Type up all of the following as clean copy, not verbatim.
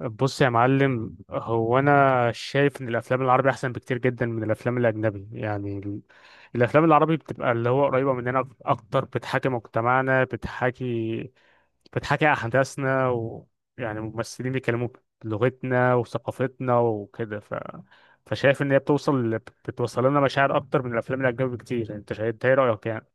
بص يا معلم، هو انا شايف ان الافلام العربي احسن بكتير جدا من الافلام الاجنبي. يعني الافلام العربي بتبقى اللي هو قريبه مننا اكتر، بتحاكي مجتمعنا، بتحاكي احداثنا، يعني الممثلين بيتكلموا بلغتنا وثقافتنا وكده، فشايف ان هي بتوصل لنا مشاعر اكتر من الافلام الاجنبي بكتير. انت شايف إنت ايه رايك؟ يعني.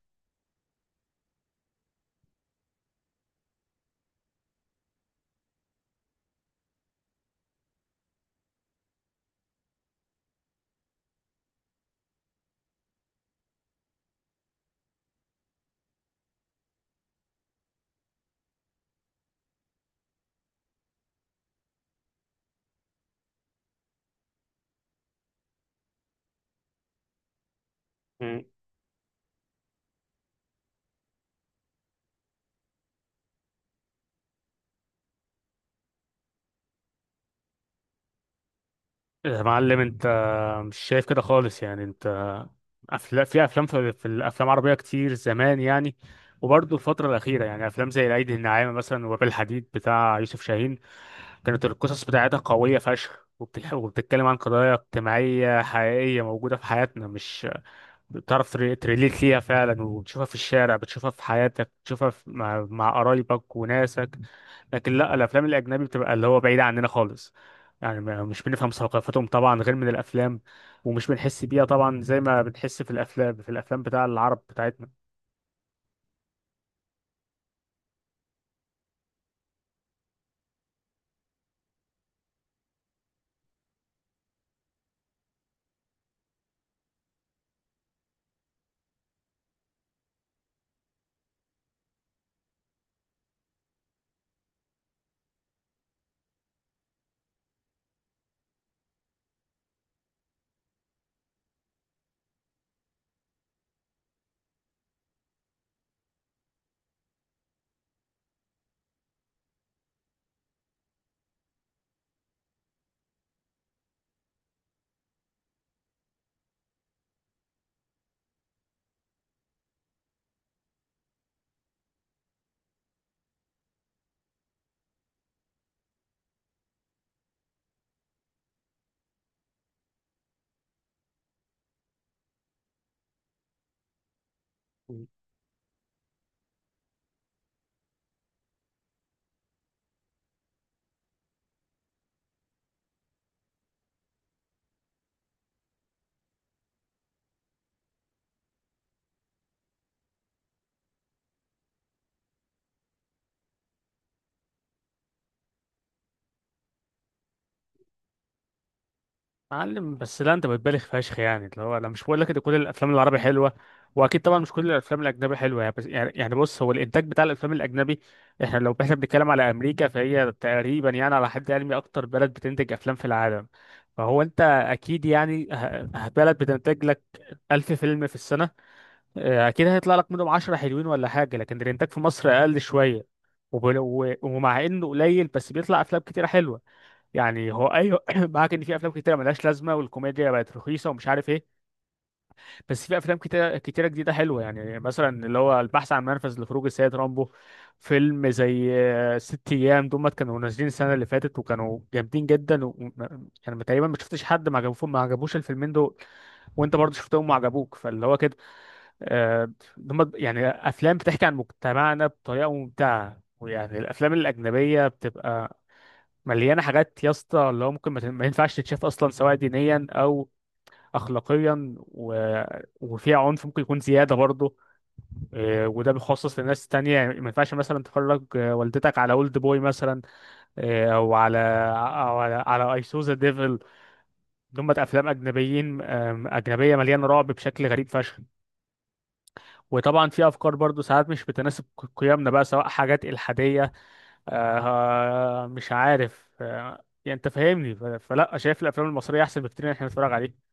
مم. يا معلم، انت مش شايف كده خالص يعني. انت أفلا في افلام في الافلام العربيه كتير زمان يعني. وبرضه الفتره الاخيره يعني افلام زي العيد الناعمه مثلا، وباب الحديد بتاع يوسف شاهين. كانت القصص بتاعتها قويه فشخ، وبتتكلم عن قضايا اجتماعيه حقيقيه موجوده في حياتنا، مش بتعرف تريليت ليها فعلا، وتشوفها في الشارع، بتشوفها في حياتك، بتشوفها في مع قرايبك وناسك. لكن لا، الافلام الاجنبي بتبقى اللي هو بعيده عننا خالص، يعني مش بنفهم ثقافتهم طبعا غير من الافلام، ومش بنحس بيها طبعا زي ما بنحس في الافلام بتاع العرب بتاعتنا. معلم، بس لا، انت بتبالغ فشخ يعني، اللي هو انا مش بقول لك ان كل الافلام العربي حلوه، واكيد طبعا مش كل الافلام الاجنبي حلوه، يعني بس يعني بص، هو الانتاج بتاع الافلام الاجنبي. لو احنا بنتكلم على امريكا، فهي تقريبا يعني على حد علمي اكتر بلد بتنتج افلام في العالم. فهو انت اكيد يعني بلد بتنتج لك 1000 فيلم في السنه. اه، اكيد هيطلع لك منهم 10 حلوين ولا حاجه، لكن الانتاج في مصر اقل شويه. ومع انه قليل، بس بيطلع افلام كتيره حلوه. يعني هو ايوه، معاك ان في افلام كتيره ملهاش لازمه، والكوميديا بقت رخيصه ومش عارف ايه. بس في افلام كتيره كتيره جديده حلوه، يعني مثلا اللي هو "البحث عن منفذ لخروج السيد رامبو"، فيلم زي "ست ايام". دول كانوا نازلين السنه اللي فاتت وكانوا جامدين جدا، يعني تقريبا ما شفتش حد ما عجبوش الفيلمين دول. وانت برضه شفتهم وعجبوك، فاللي هو كده. آه، دول يعني افلام بتحكي عن مجتمعنا بطريقه ممتعه. ويعني الافلام الاجنبيه بتبقى مليانه حاجات يا اسطى، اللي هو ممكن ما ينفعش تتشاف اصلا، سواء دينيا او اخلاقيا، وفيها عنف ممكن يكون زياده برضه. إيه، وده بيخصص لناس تانية، يعني ما ينفعش مثلا تفرج والدتك على "اولد بوي" مثلا، إيه، او على "اي سو ذا ديفل". دول افلام اجنبيين آم، اجنبيه مليانه رعب بشكل غريب فشخ. وطبعا في افكار برضه ساعات مش بتناسب قيمنا بقى، سواء حاجات الحاديه. مش عارف، يعني انت فاهمني، فلا، شايف الافلام المصريه احسن بكتير ان احنا نتفرج عليه.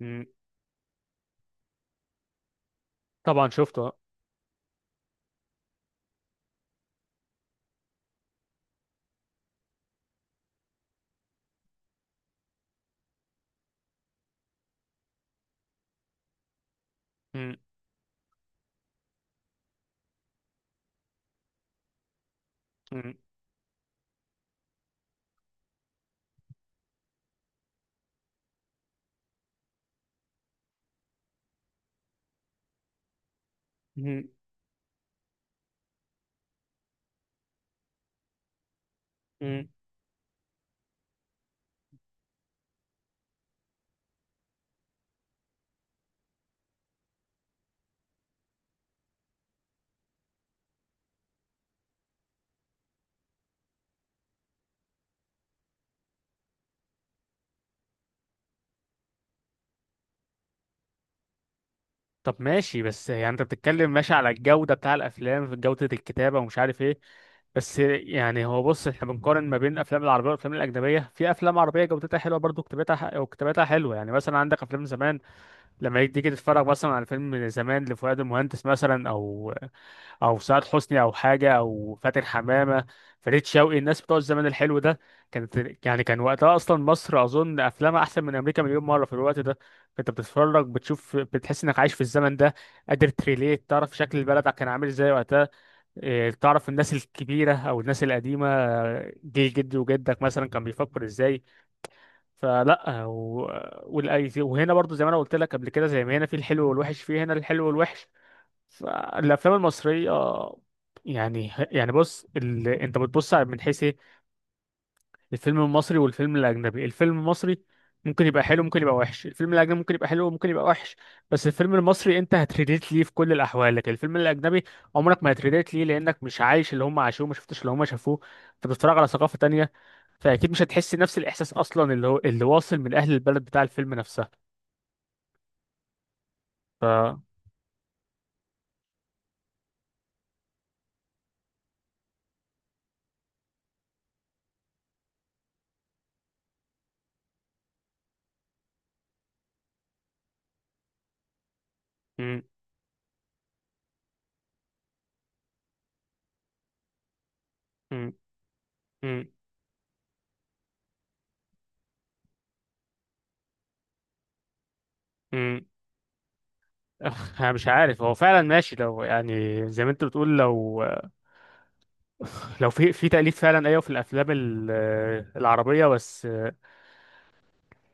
مم. طبعا شفته آه. مم. مم. مم. مم. طب ماشي، بس يعني انت بتتكلم ماشي على الجوده بتاع الافلام، في جوده الكتابه ومش عارف ايه. بس يعني هو بص، احنا بنقارن ما بين الافلام العربيه والافلام الاجنبيه. في افلام عربيه جودتها حلوه برضو، وكتابتها حلوه، يعني مثلا عندك افلام زمان. لما تيجي تتفرج مثلا على فيلم زمان لفؤاد المهندس مثلا، او سعاد حسني، او حاجه، او فاتن حمامه، فريد شوقي، الناس بتوع الزمن الحلو ده. كان وقتها اصلا مصر، اظن افلامها احسن من امريكا مليون مره في الوقت ده. انت بتتفرج، بتشوف، بتحس انك عايش في الزمن ده. قادر تريليت، تعرف شكل البلد كان عامل ازاي وقتها. إيه، تعرف الناس الكبيره او الناس القديمه، جيل جدي وجدك مثلا كان بيفكر ازاي. فلا، وهنا برضو زي ما انا قلت لك قبل كده، زي ما هنا في الحلو والوحش، في هنا الحلو والوحش. فالافلام المصريه يعني بص، انت من حيث ايه. الفيلم المصري والفيلم الاجنبي. الفيلم المصري ممكن يبقى حلو، ممكن يبقى وحش. الفيلم الاجنبي ممكن يبقى حلو، ممكن يبقى وحش. بس الفيلم المصري انت هتريليت ليه في كل الاحوال، لكن الفيلم الاجنبي عمرك ما هتريليت ليه، لانك مش عايش اللي هم عاشوه، ما شفتش اللي هم شافوه. انت بتتفرج على ثقافه تانية، فاكيد مش هتحس نفس الاحساس اصلا، اللي هو اللي واصل من اهل البلد بتاع الفيلم نفسها. ف م- م- م- م. أخ، انا مش عارف هو فعلا ماشي، لو يعني زي ما انت بتقول، لو في تأليف فعلا، ايوه، في الافلام العربيه، بس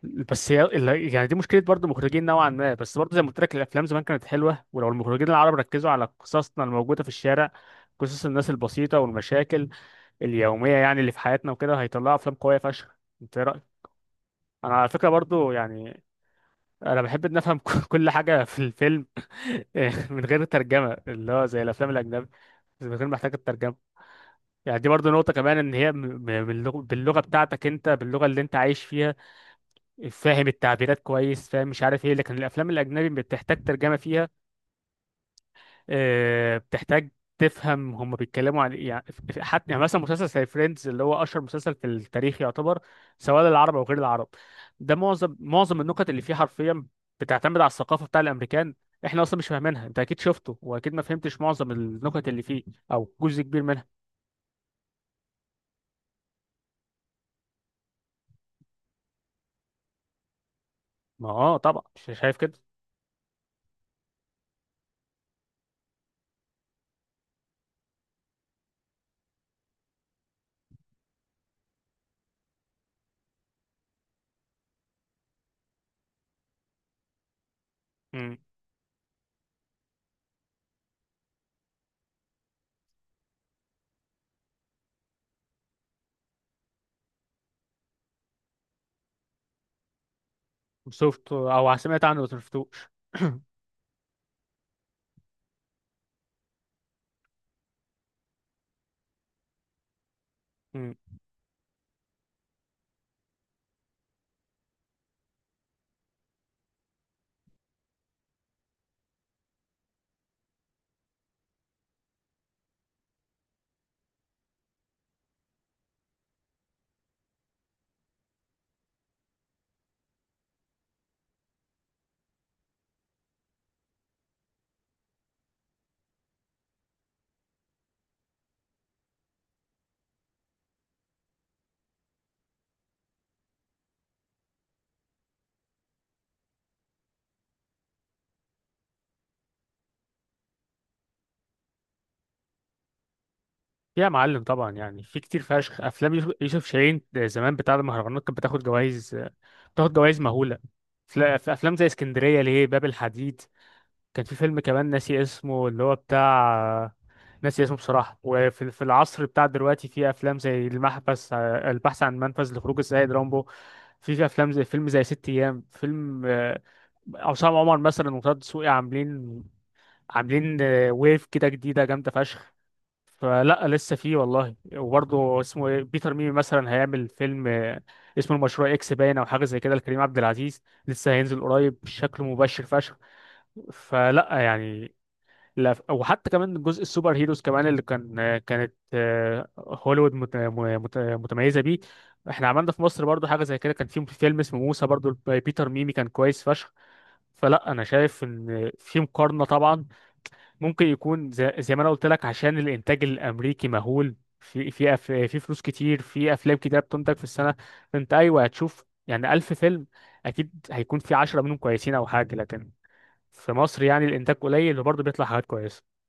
بس هي يعني دي مشكله برضو المخرجين نوعا ما، بس برضو زي ما قلت لك الافلام زمان كانت حلوه، ولو المخرجين العرب ركزوا على قصصنا الموجوده في الشارع، قصص الناس البسيطه والمشاكل اليوميه، يعني اللي في حياتنا وكده، هيطلعوا افلام قويه فشخ. انت إيه رايك؟ انا على فكره برضو يعني انا بحب ان افهم كل حاجه في الفيلم، من غير ترجمه، اللي هو زي الافلام الاجنبيه إذا كان محتاج الترجمة. يعني دي برضو نقطة كمان إن هي باللغة بتاعتك، أنت باللغة اللي أنت عايش فيها، فاهم التعبيرات كويس، فاهم مش عارف إيه، لكن الأفلام الأجنبي بتحتاج ترجمة فيها. بتحتاج تفهم هم بيتكلموا عن إيه. يعني حتى يعني مثلا، مسلسل زي "فريندز" اللي هو أشهر مسلسل في التاريخ يعتبر، سواء للعرب أو غير العرب. ده معظم النكت اللي فيه حرفيا بتعتمد على الثقافة بتاع الأمريكان. إحنا أصلا مش فاهمينها. أنت أكيد شفته، وأكيد ما فهمتش معظم النكت اللي فيه، أو جزء كبير منها. ما اه طبعا، شايف كده. امم. شفت او سمعت عنه، بس مشفتوش. مم. في يا معلم، طبعا يعني، في كتير فشخ افلام يوسف شاهين زمان، بتاع المهرجانات كانت بتاخد جوائز، بتاخد جوائز مهوله. في افلام زي "اسكندريه ليه"، "باب الحديد". كان في فيلم كمان ناسي اسمه، اللي هو بتاع ناسي اسمه بصراحه. وفي العصر بتاع دلوقتي، في افلام زي "المحبس"، "البحث عن منفذ لخروج السيد رامبو". في افلام زي فيلم زي "ست ايام"، فيلم عصام عمر مثلا وطه دسوقي، عاملين ويف كده جديده جامده فشخ. فلا لسه فيه والله، وبرضه اسمه إيه؟ بيتر ميمي مثلا هيعمل فيلم، اسمه "المشروع اكس باين" او حاجه زي كده، لكريم عبد العزيز. لسه هينزل قريب شكله مبشر فشخ. فلا يعني، لا. وحتى كمان جزء السوبر هيروز كمان، اللي كانت هوليوود متميزه بيه. احنا عملنا في مصر برضو حاجه زي كده. كان في فيلم اسمه "موسى" برضو، بيتر ميمي، كان كويس فشخ. فلا، انا شايف ان في مقارنه طبعا. ممكن يكون زي ما انا قلت لك، عشان الانتاج الامريكي مهول، في فلوس كتير، في افلام كتير بتنتج في السنه. انت ايوه، هتشوف يعني 1000 فيلم، اكيد هيكون في 10 منهم كويسين او حاجه. لكن في مصر يعني الانتاج قليل، وبرضه بيطلع حاجات كويسه.